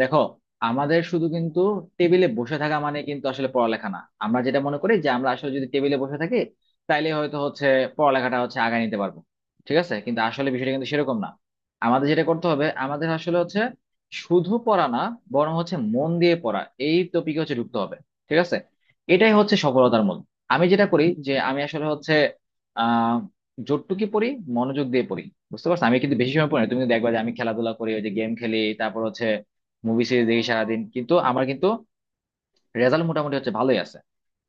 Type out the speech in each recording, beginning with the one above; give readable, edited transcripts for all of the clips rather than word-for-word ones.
দেখো, আমাদের শুধু কিন্তু টেবিলে বসে থাকা মানে কিন্তু আসলে পড়ালেখা না। আমরা যেটা মনে করি যে আমরা আসলে যদি টেবিলে বসে থাকি, তাইলে হয়তো হচ্ছে পড়ালেখাটা হচ্ছে আগায় নিতে পারবো। ঠিক আছে, কিন্তু আসলে বিষয়টা কিন্তু সেরকম না। আমাদের যেটা করতে হবে, আমাদের আসলে হচ্ছে শুধু পড়া না, বরং হচ্ছে মন দিয়ে পড়া। এই টপিকে হচ্ছে ঢুকতে হবে, ঠিক আছে। এটাই হচ্ছে সফলতার মূল। আমি যেটা করি যে আমি আসলে হচ্ছে আহ যতটুকু পড়ি, মনোযোগ দিয়ে পড়ি। বুঝতে পারছো, আমি কিন্তু বেশি সময় পড়ি না। তুমি কিন্তু দেখবা যে আমি খেলাধুলা করি, ওই যে গেম খেলি, তারপর হচ্ছে মুভি সিরিজ দেখি সারাদিন, কিন্তু আমার কিন্তু রেজাল্ট মোটামুটি হচ্ছে ভালোই আছে।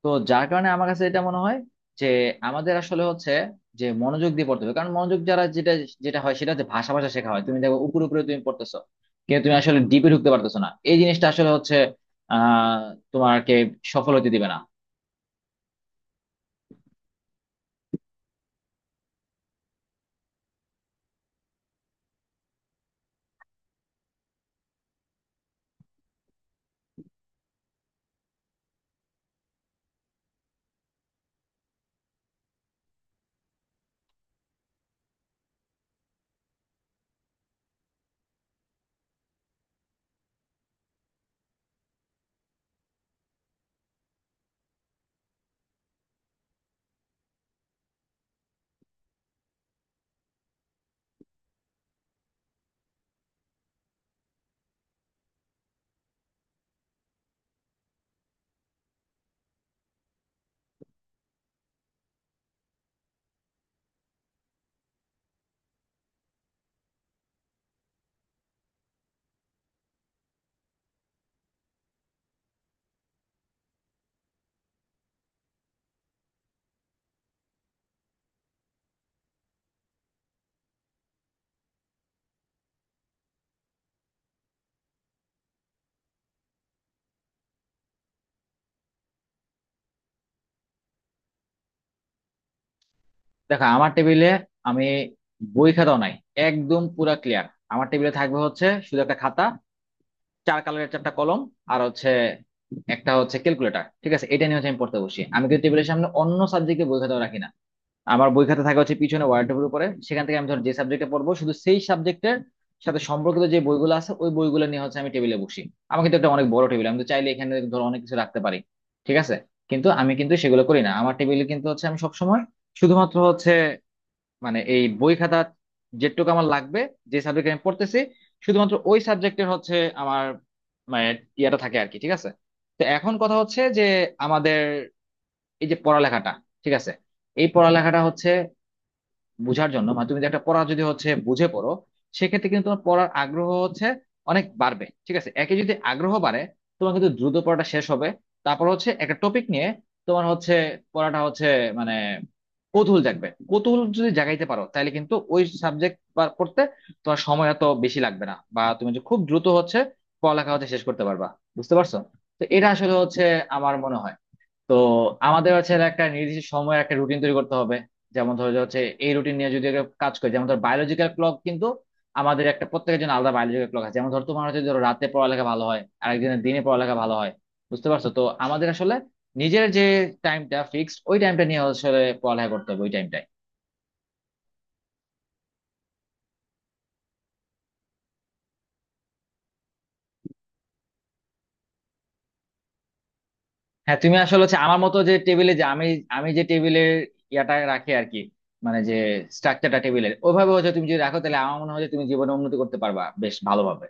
তো যার কারণে আমার কাছে এটা মনে হয় যে আমাদের আসলে হচ্ছে যে মনোযোগ দিয়ে পড়তে হবে। কারণ মনোযোগ যারা যেটা যেটা হয় সেটা হচ্ছে ভাষা ভাষা শেখা হয়। তুমি দেখো, উপরে উপরে তুমি পড়তেছো, কিন্তু তুমি আসলে ডিপে ঢুকতে পারতেছো না। এই জিনিসটা আসলে হচ্ছে আহ তোমাকে সফল হতে দিবে না। দেখো, আমার টেবিলে আমি বই খাতাও নাই, একদম পুরা ক্লিয়ার। আমার টেবিলে থাকবে হচ্ছে শুধু একটা খাতা, চার কালারের চারটা কলম, আর হচ্ছে একটা হচ্ছে ক্যালকুলেটর। ঠিক আছে, এটা নিয়ে হচ্ছে আমি পড়তে বসি। আমি কিন্তু টেবিলের সামনে অন্য সাবজেক্টে বই খাতাও রাখি না। আমার বই খাতা থাকে হচ্ছে পিছনে ওয়ার্ডের উপরে, সেখান থেকে আমি ধর যে সাবজেক্টে পড়বো, শুধু সেই সাবজেক্টের সাথে সম্পর্কিত যে বইগুলো আছে, ওই বইগুলো নিয়ে হচ্ছে আমি টেবিলে বসি। আমার কিন্তু একটা অনেক বড় টেবিল, আমি তো চাইলে এখানে ধর অনেক কিছু রাখতে পারি, ঠিক আছে। কিন্তু আমি কিন্তু সেগুলো করি না। আমার টেবিলে কিন্তু হচ্ছে আমি সবসময় শুধুমাত্র হচ্ছে, মানে এই বই খাতা যেটুকু আমার লাগবে, যে সাবজেক্ট আমি পড়তেছি শুধুমাত্র ওই সাবজেক্টের হচ্ছে আমার, মানে ইয়েটা থাকে আর কি, ঠিক আছে। তো এখন কথা হচ্ছে যে আমাদের এই যে পড়ালেখাটা, ঠিক আছে, এই পড়ালেখাটা হচ্ছে বুঝার জন্য। মানে তুমি যদি একটা পড়া যদি হচ্ছে বুঝে পড়ো, সেক্ষেত্রে কিন্তু তোমার পড়ার আগ্রহ হচ্ছে অনেক বাড়বে। ঠিক আছে, একে যদি আগ্রহ বাড়ে, তোমার কিন্তু দ্রুত পড়াটা শেষ হবে। তারপর হচ্ছে একটা টপিক নিয়ে তোমার হচ্ছে পড়াটা হচ্ছে মানে কৌতূহল জাগবে। কৌতূহল যদি জাগাইতে পারো, তাহলে কিন্তু ওই সাবজেক্ট পড়তে তোমার সময় এত বেশি লাগবে না, বা তুমি যে খুব দ্রুত হচ্ছে পড়ালেখা হচ্ছে শেষ করতে পারবা। বুঝতে পারছো, তো এটা আসলে হচ্ছে আমার মনে হয়। তো আমাদের হচ্ছে একটা নির্দিষ্ট সময়ের একটা রুটিন তৈরি করতে হবে। যেমন ধরো যে হচ্ছে এই রুটিন নিয়ে যদি একটা কাজ করি, যেমন ধর বায়োলজিক্যাল ক্লক কিন্তু আমাদের একটা প্রত্যেকের জন্য আলাদা বায়োলজিক্যাল ক্লক আছে। যেমন ধর তোমার হচ্ছে ধরো রাতে পড়ালেখা ভালো হয়, আর একদিনের দিনে পড়ালেখা ভালো হয়। বুঝতে পারছো, তো আমাদের আসলে নিজের যে টাইমটা ফিক্সড, ওই টাইমটা নিয়ে আসলে পড়ালেখা করতে হবে, ওই টাইমটাই। হ্যাঁ, তুমি আসলে হচ্ছে আমার মতো যে টেবিলে, যে আমি আমি যে টেবিলের ইয়াটা রাখি আর কি, মানে যে স্ট্রাকচারটা টেবিলের ওইভাবে হচ্ছে তুমি যদি রাখো, তাহলে আমার মনে হয় যে তুমি জীবনে উন্নতি করতে পারবা বেশ ভালোভাবে।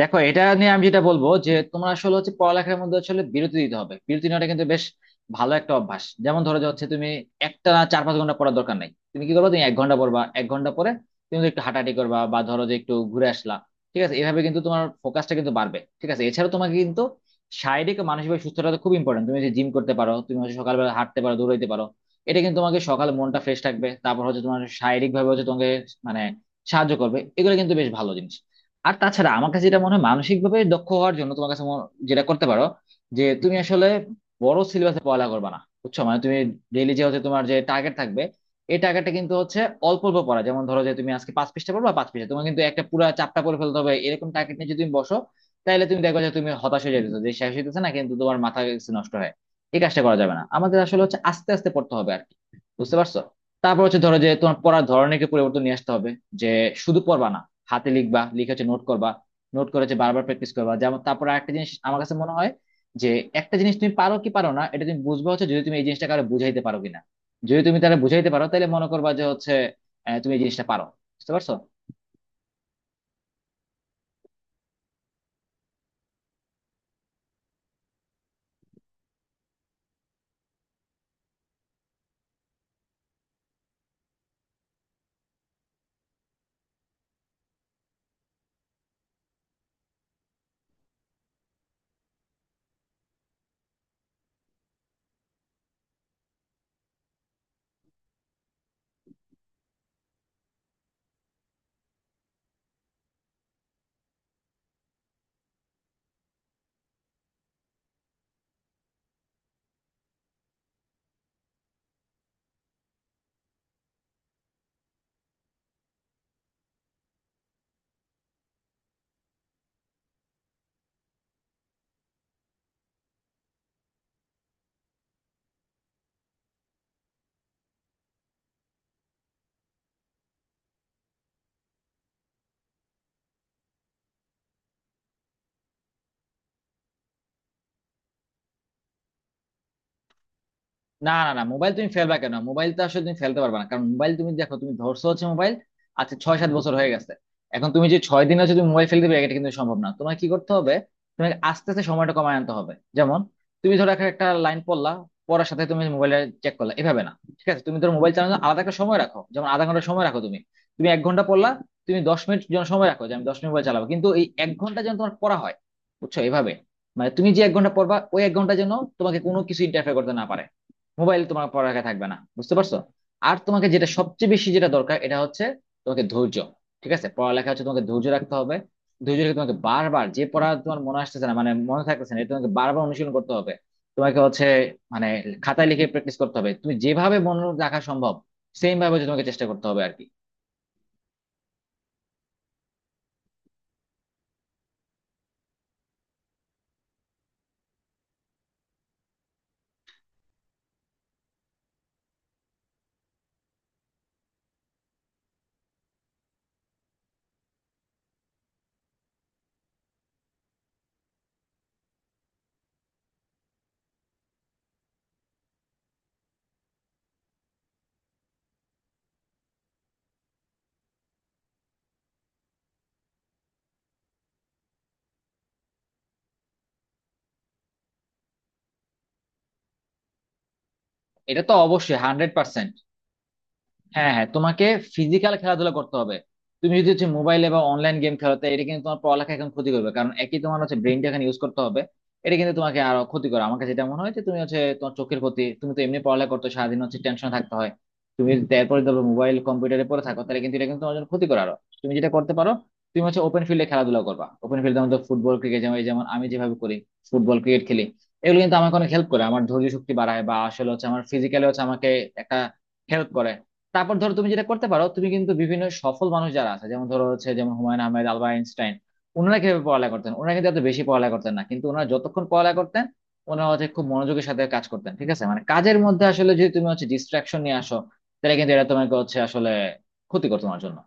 দেখো, এটা নিয়ে আমি যেটা বলবো যে তোমরা আসলে হচ্ছে পড়ালেখার মধ্যে আসলে বিরতি দিতে হবে। বিরতি নেওয়াটা কিন্তু বেশ ভালো একটা অভ্যাস। যেমন ধরো যে হচ্ছে তুমি একটা 4-5 ঘন্টা পড়ার দরকার নাই। তুমি কি করবা, তুমি 1 ঘন্টা পড়বা, 1 ঘন্টা পরে তুমি একটু হাঁটাহাঁটি করবা বা ধরো যে একটু ঘুরে আসলা। ঠিক আছে, এভাবে কিন্তু তোমার ফোকাসটা কিন্তু বাড়বে। ঠিক আছে, এছাড়া তোমাকে কিন্তু শারীরিক ও মানসিকভাবে সুস্থতা তো খুব ইম্পর্টেন্ট। তুমি যে জিম করতে পারো, তুমি হচ্ছে সকালবেলা হাঁটতে পারো, দৌড়াইতে পারো। এটা কিন্তু তোমাকে সকালে মনটা ফ্রেশ থাকবে, তারপর হচ্ছে তোমার শারীরিক ভাবে হচ্ছে তোমাকে মানে সাহায্য করবে। এগুলো কিন্তু বেশ ভালো জিনিস। আর তাছাড়া আমার কাছে যেটা মনে হয়, মানসিক ভাবে দক্ষ হওয়ার জন্য তোমার কাছে যেটা করতে পারো যে তুমি আসলে বড় সিলেবাসে পড়ালেখা করবে না। বুঝছো, মানে তুমি ডেইলি যে হচ্ছে তোমার যে টার্গেট থাকবে, এই টার্গেটটা কিন্তু হচ্ছে অল্প অল্প পড়া। যেমন ধরো যে তুমি আজকে 5 পৃষ্ঠা পড়বা, 5 পৃষ্ঠা তোমার কিন্তু একটা পুরো চাপটা পড়ে ফেলতে হবে, এরকম টার্গেট নিয়ে যদি তুমি বসো, তাহলে তুমি দেখো যে তুমি হতাশ হয়ে যেতেছো যে শেষ হইতেছে না, কিন্তু তোমার মাথা গেছে নষ্ট হয়। এই কাজটা করা যাবে না। আমাদের আসলে হচ্ছে আস্তে আস্তে পড়তে হবে আর কি। বুঝতে পারছো, তারপর হচ্ছে ধরো যে তোমার পড়ার ধরনেরকে পরিবর্তন নিয়ে আসতে হবে। যে শুধু পড়বা না, হাতে লিখবা, লিখে হচ্ছে নোট করবা, নোট করে হচ্ছে বারবার প্র্যাকটিস করবা। যেমন তারপর একটা জিনিস আমার কাছে মনে হয় যে একটা জিনিস তুমি পারো কি পারো না, এটা তুমি বুঝবা হচ্ছে যদি তুমি এই জিনিসটা কারো বুঝাইতে পারো কিনা। যদি তুমি তারা বুঝাইতে পারো, তাহলে মনে করবা যে হচ্ছে তুমি এই জিনিসটা পারো। বুঝতে পারছো, না না না, মোবাইল তুমি ফেলবা কেন? মোবাইল তো আসলে তুমি ফেলতে পারবে না, কারণ মোবাইল তুমি দেখো তুমি ধরছো হচ্ছে মোবাইল। আচ্ছা, 6-7 বছর হয়ে গেছে। এখন তুমি যে 6 দিন হচ্ছে তুমি মোবাইল ফেলতে দেবে, এটা কিন্তু সম্ভব না। তোমার কি করতে হবে, তোমাকে আস্তে আস্তে সময়টা কমায় আনতে হবে। যেমন তুমি ধরো একটা একটা লাইন পড়লা, পড়ার সাথে তুমি মোবাইলে চেক করলা, এভাবে না। ঠিক আছে, তুমি ধরো মোবাইল চালানোর জন্য আলাদা একটা সময় রাখো, যেমন 1/2 ঘন্টা সময় রাখো তুমি। তুমি এক ঘন্টা পড়লা, তুমি 10 মিনিট যেন সময় রাখো যে আমি 10 মিনিট মোবাইল চালাবো, কিন্তু এই 1 ঘন্টা যেন তোমার পড়া হয়। বুঝছো, এভাবে মানে তুমি যে 1 ঘন্টা পড়বা, ওই 1 ঘন্টা যেন তোমাকে কোনো কিছু ইন্টারফেয়ার করতে না পারে। মোবাইল তোমার পড়ার আগে থাকবে না। বুঝতে পারছো, আর তোমাকে যেটা সবচেয়ে বেশি যেটা দরকার, এটা হচ্ছে তোমাকে ধৈর্য। ঠিক আছে, পড়ালেখা হচ্ছে তোমাকে ধৈর্য রাখতে হবে। ধৈর্য রেখে তোমাকে বারবার, যে পড়া তোমার মনে আসতেছে না, মানে মনে থাকতেছে না, এটা তোমাকে বারবার অনুশীলন করতে হবে। তোমাকে হচ্ছে মানে খাতায় লিখে প্র্যাকটিস করতে হবে। তুমি যেভাবে মনে রাখা সম্ভব, সেম ভাবে হচ্ছে তোমাকে চেষ্টা করতে হবে আর কি। এটা তো অবশ্যই 100%। হ্যাঁ হ্যাঁ, তোমাকে ফিজিক্যাল খেলাধুলা করতে হবে। তুমি যদি হচ্ছে মোবাইলে বা অনলাইন গেম খেলো, তো এটা কিন্তু তোমার পড়ালেখা এখন ক্ষতি করবে, কারণ একই তোমার হচ্ছে ব্রেনটা এখানে ইউজ করতে হবে। এটা কিন্তু তোমাকে আরো ক্ষতি করে। আমার কাছে যেটা মনে হয় যে তুমি হচ্ছে তোমার চোখের ক্ষতি, তুমি তো এমনি পড়ালেখা করতে হয়, সারাদিন হচ্ছে টেনশন থাকতে হয়। তুমি যদি তারপরে ধরো মোবাইল কম্পিউটারে পড়ে থাকো, তাহলে কিন্তু এটা কিন্তু তোমার জন্য ক্ষতি করে আরো। তুমি যেটা করতে পারো, তুমি হচ্ছে ওপেন ফিল্ডে খেলাধুলা করবা। ওপেন ফিল্ডে আমাদের ফুটবল ক্রিকেট, যেমন এই যেমন আমি যেভাবে করি, ফুটবল ক্রিকেট খেলি, এগুলো কিন্তু আমাকে অনেক হেল্প করে। আমার ধৈর্য শক্তি বাড়ায়, বা আসলে হচ্ছে আমার ফিজিক্যালি হচ্ছে আমাকে একটা হেল্প করে। তারপর ধরো তুমি যেটা করতে পারো, তুমি কিন্তু বিভিন্ন সফল মানুষ যারা আছে, যেমন ধরো হচ্ছে যেমন হুমায়ুন আহমেদ, আলবার্ট আইনস্টাইন, ওনারা কিভাবে পড়ালেখা করতেন? ওনারা কিন্তু এত বেশি পড়ালেখা করতেন না, কিন্তু ওনারা যতক্ষণ পড়ালেখা করতেন, ওনারা হচ্ছে খুব মনোযোগের সাথে কাজ করতেন। ঠিক আছে, মানে কাজের মধ্যে আসলে যদি তুমি হচ্ছে ডিস্ট্রাকশন নিয়ে আসো, তাহলে কিন্তু এটা তোমাকে হচ্ছে আসলে ক্ষতি করতো তোমার জন্য।